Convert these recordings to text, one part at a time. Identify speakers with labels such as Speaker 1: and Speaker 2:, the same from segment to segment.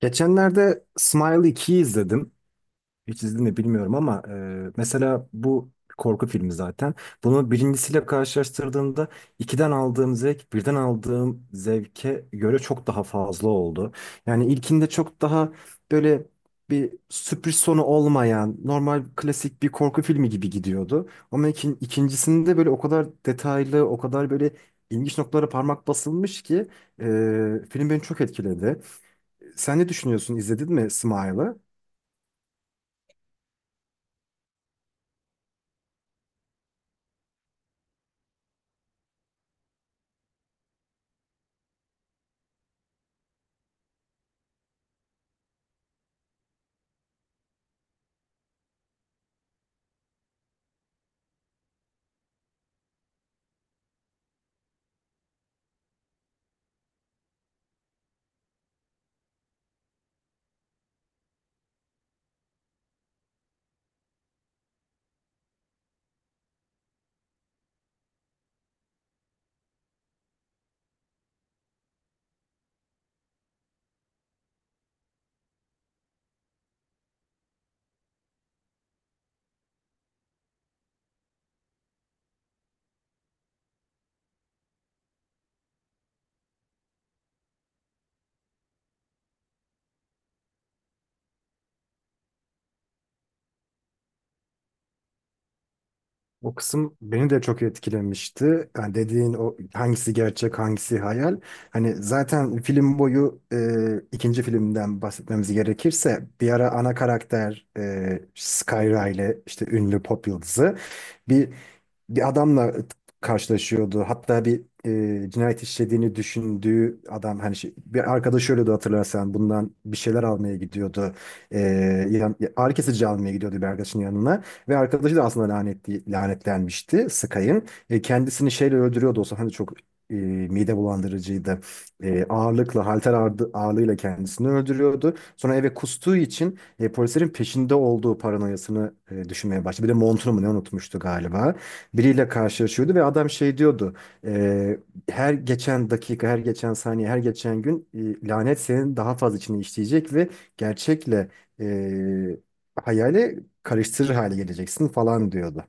Speaker 1: Geçenlerde Smile 2'yi izledim. Hiç izledim mi bilmiyorum ama mesela bu korku filmi zaten. Bunu birincisiyle karşılaştırdığımda ikiden aldığım zevk birden aldığım zevke göre çok daha fazla oldu. Yani ilkinde çok daha böyle bir sürpriz sonu olmayan normal klasik bir korku filmi gibi gidiyordu. Ama ikincisinde böyle o kadar detaylı o kadar böyle ilginç noktalara parmak basılmış ki e, film beni çok etkiledi. Sen ne düşünüyorsun? İzledin mi Smile'ı? O kısım beni de çok etkilemişti. Yani dediğin o hangisi gerçek, hangisi hayal. Hani zaten film boyu ikinci filmden bahsetmemiz gerekirse bir ara ana karakter Skyra ile işte ünlü pop yıldızı bir bir adamla karşılaşıyordu. Hatta bir cinayet işlediğini düşündüğü adam hani bir arkadaşı ölüyordu hatırlarsan bundan bir şeyler almaya gidiyordu. E, ağrı kesici almaya gidiyordu bir arkadaşının yanına. Ve arkadaşı da aslında lanetli, lanetlenmişti Sky'ın. Kendisini şeyle öldürüyordu olsa hani çok mide bulandırıcıydı. Ağırlıkla, halter ağırlığıyla kendisini öldürüyordu. Sonra eve kustuğu için polislerin peşinde olduğu paranoyasını düşünmeye başladı. Bir de montunu mu ne unutmuştu galiba. Biriyle karşılaşıyordu ve adam şey diyordu. E, her geçen dakika, her geçen saniye, her geçen gün lanet senin daha fazla içine işleyecek ve gerçekle e, hayale karıştırır hale geleceksin falan diyordu.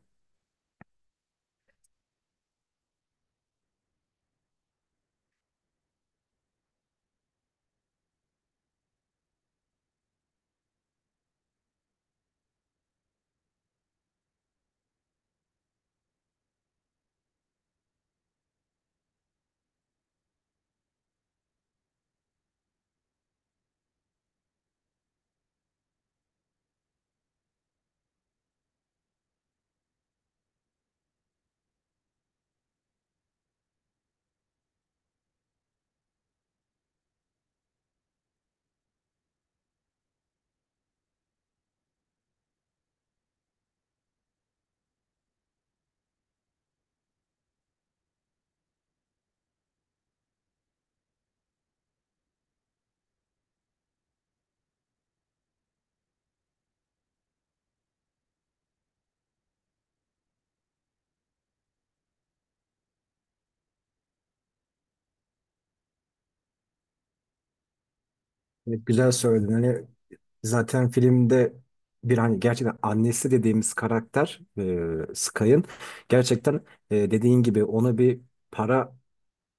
Speaker 1: Evet, güzel söyledin. Hani zaten filmde bir hani gerçekten annesi dediğimiz karakter Sky'ın gerçekten dediğin gibi ona bir para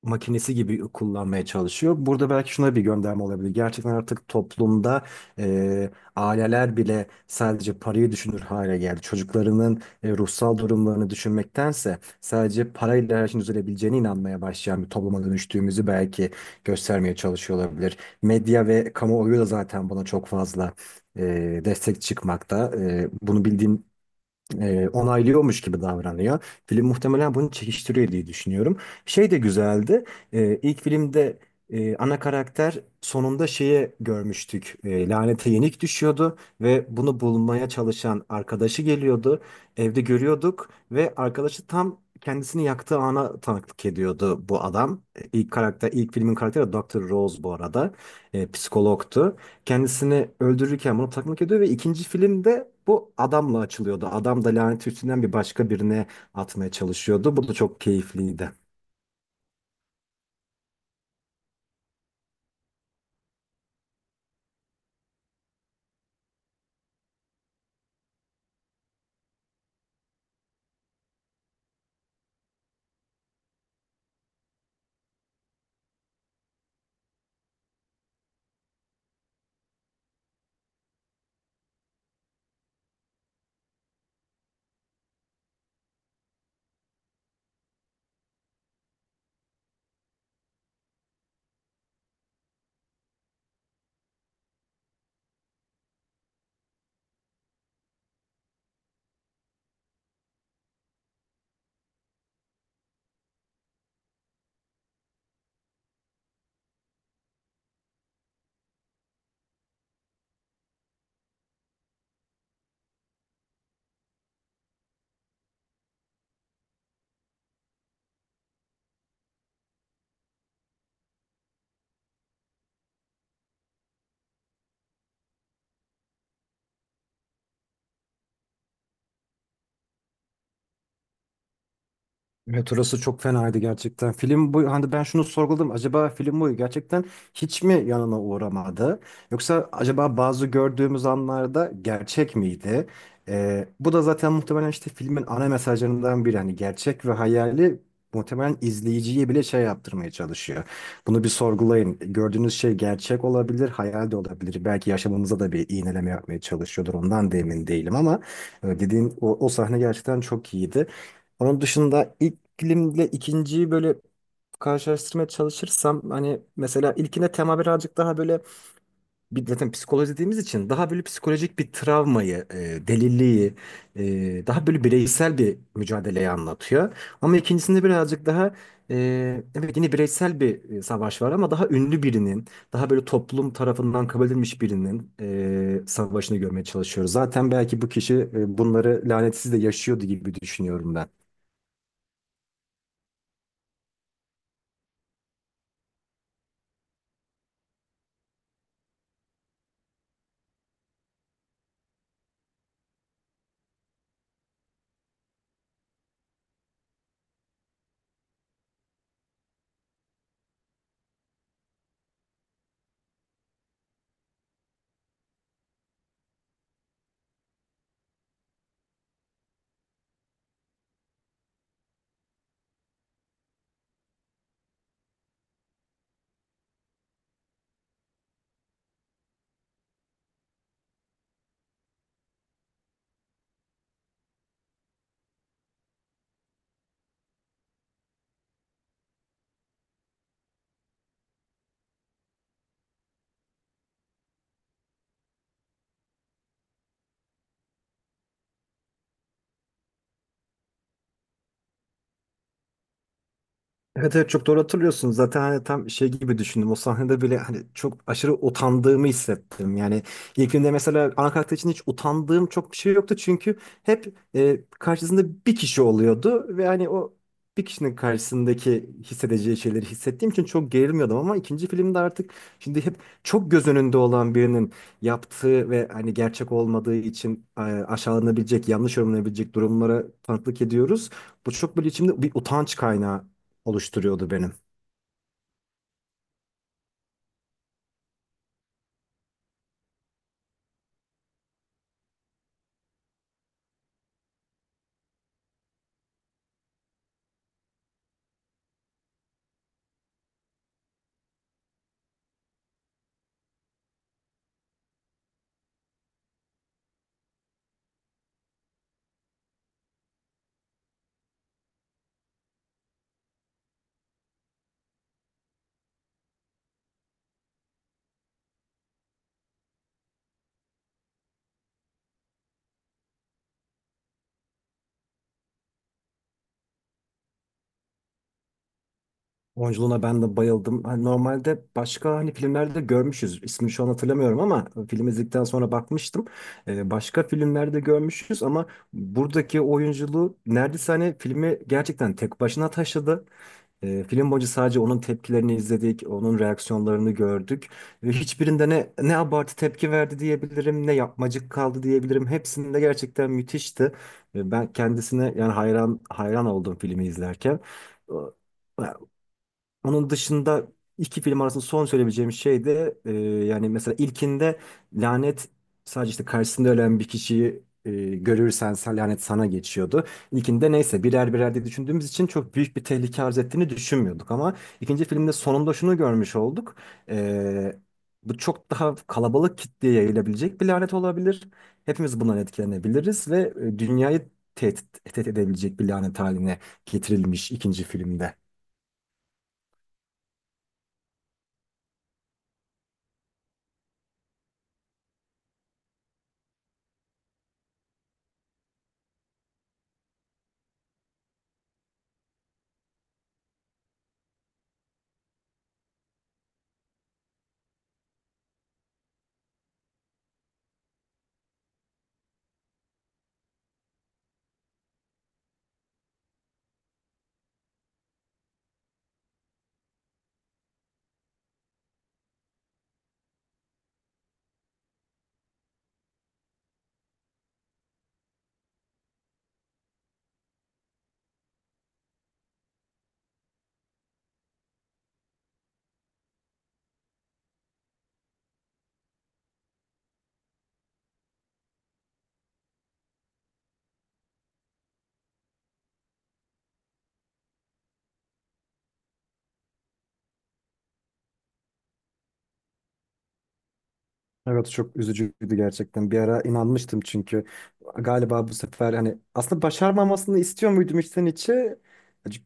Speaker 1: makinesi gibi kullanmaya çalışıyor. Burada belki şuna bir gönderme olabilir. Gerçekten artık toplumda e, aileler bile sadece parayı düşünür hale geldi. Çocuklarının ruhsal durumlarını düşünmektense sadece parayla her şeyin düzelebileceğine inanmaya başlayan bir topluma dönüştüğümüzü belki göstermeye çalışıyor olabilir. Medya ve kamuoyu da zaten buna çok fazla destek çıkmakta. Bunu bildiğim onaylıyormuş gibi davranıyor. Film muhtemelen bunu çekiştiriyor diye düşünüyorum. Şey de güzeldi. E, ilk filmde ana karakter sonunda şeye görmüştük. Lanete yenik düşüyordu ve bunu bulmaya çalışan arkadaşı geliyordu. Evde görüyorduk ve arkadaşı tam kendisini yaktığı ana tanıklık ediyordu bu adam. İlk karakter, ilk filmin karakteri Dr. Rose bu arada. Psikologtu kendisini öldürürken bunu takmak ediyor ve ikinci filmde bu adamla açılıyordu. Adam da lanet üstünden bir başka birine atmaya çalışıyordu. Bu da çok keyifliydi. Evet orası çok fenaydı gerçekten. Film bu hani ben şunu sorguladım. Acaba film boyu gerçekten hiç mi yanına uğramadı? Yoksa acaba bazı gördüğümüz anlarda gerçek miydi? Bu da zaten muhtemelen işte filmin ana mesajlarından biri. Hani gerçek ve hayali muhtemelen izleyiciye bile şey yaptırmaya çalışıyor. Bunu bir sorgulayın. Gördüğünüz şey gerçek olabilir, hayal de olabilir. Belki yaşamımıza da bir iğneleme yapmaya çalışıyordur. Ondan da emin değilim ama dediğin o sahne gerçekten çok iyiydi. Onun dışında ilk filmle ikinciyi böyle karşılaştırmaya çalışırsam hani mesela ilkine tema birazcık daha böyle bir zaten psikoloji dediğimiz için daha böyle psikolojik bir travmayı, deliliği, daha böyle bireysel bir mücadeleyi anlatıyor. Ama ikincisinde birazcık daha evet yine bireysel bir savaş var ama daha ünlü birinin, daha böyle toplum tarafından kabul edilmiş birinin savaşını görmeye çalışıyoruz. Zaten belki bu kişi bunları lanetsiz de yaşıyordu gibi düşünüyorum ben. Evet evet çok doğru hatırlıyorsun. Zaten hani tam şey gibi düşündüm. O sahnede bile hani çok aşırı utandığımı hissettim. Yani ilk filmde mesela ana karakter için hiç utandığım çok bir şey yoktu. Çünkü hep karşısında bir kişi oluyordu. Ve hani o bir kişinin karşısındaki hissedeceği şeyleri hissettiğim için çok gerilmiyordum. Ama ikinci filmde artık şimdi hep çok göz önünde olan birinin yaptığı ve hani gerçek olmadığı için aşağılanabilecek, yanlış yorumlanabilecek durumlara tanıklık ediyoruz. Bu çok böyle içimde bir utanç kaynağı oluşturuyordu benim. Oyunculuğuna ben de bayıldım. Hani normalde başka hani filmlerde görmüşüz. İsmini şu an hatırlamıyorum ama film izledikten sonra bakmıştım. Başka filmlerde görmüşüz ama buradaki oyunculuğu neredeyse hani filmi gerçekten tek başına taşıdı. Film boyunca sadece onun tepkilerini izledik, onun reaksiyonlarını gördük ve hiçbirinde ne abartı tepki verdi diyebilirim, ne yapmacık kaldı diyebilirim. Hepsinde gerçekten müthişti. Ben kendisine yani hayran hayran oldum filmi izlerken. Onun dışında iki film arasında son söyleyebileceğim şey de yani mesela ilkinde lanet sadece işte karşısında ölen bir kişiyi görürsen lanet sana geçiyordu. İlkinde neyse birer birer diye düşündüğümüz için çok büyük bir tehlike arz ettiğini düşünmüyorduk ama ikinci filmde sonunda şunu görmüş olduk. E, bu çok daha kalabalık kitleye yayılabilecek bir lanet olabilir. Hepimiz bundan etkilenebiliriz ve dünyayı tehdit edebilecek bir lanet haline getirilmiş ikinci filmde. Evet çok üzücüydü gerçekten. Bir ara inanmıştım çünkü galiba bu sefer hani aslında başarmamasını istiyor muydum içten içe?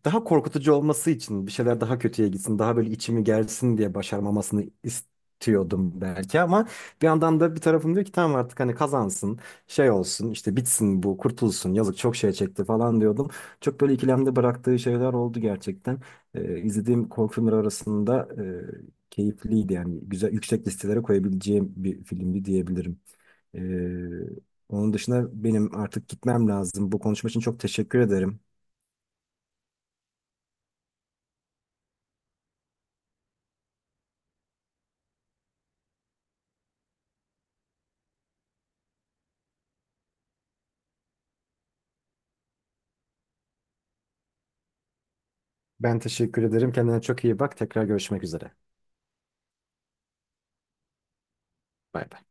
Speaker 1: Daha korkutucu olması için bir şeyler daha kötüye gitsin, daha böyle içimi gelsin diye başarmamasını istiyordum belki ama bir yandan da bir tarafım diyor ki tamam artık hani kazansın, şey olsun, işte bitsin bu, kurtulsun. Yazık çok şey çekti falan diyordum. Çok böyle ikilemde bıraktığı şeyler oldu gerçekten. İzlediğim korku filmleri arasında keyifliydi yani güzel yüksek listelere koyabileceğim bir filmdi diyebilirim. Ee, onun dışında benim artık gitmem lazım. Bu konuşma için çok teşekkür ederim. Ben teşekkür ederim. Kendine çok iyi bak. Tekrar görüşmek üzere. Bay bay.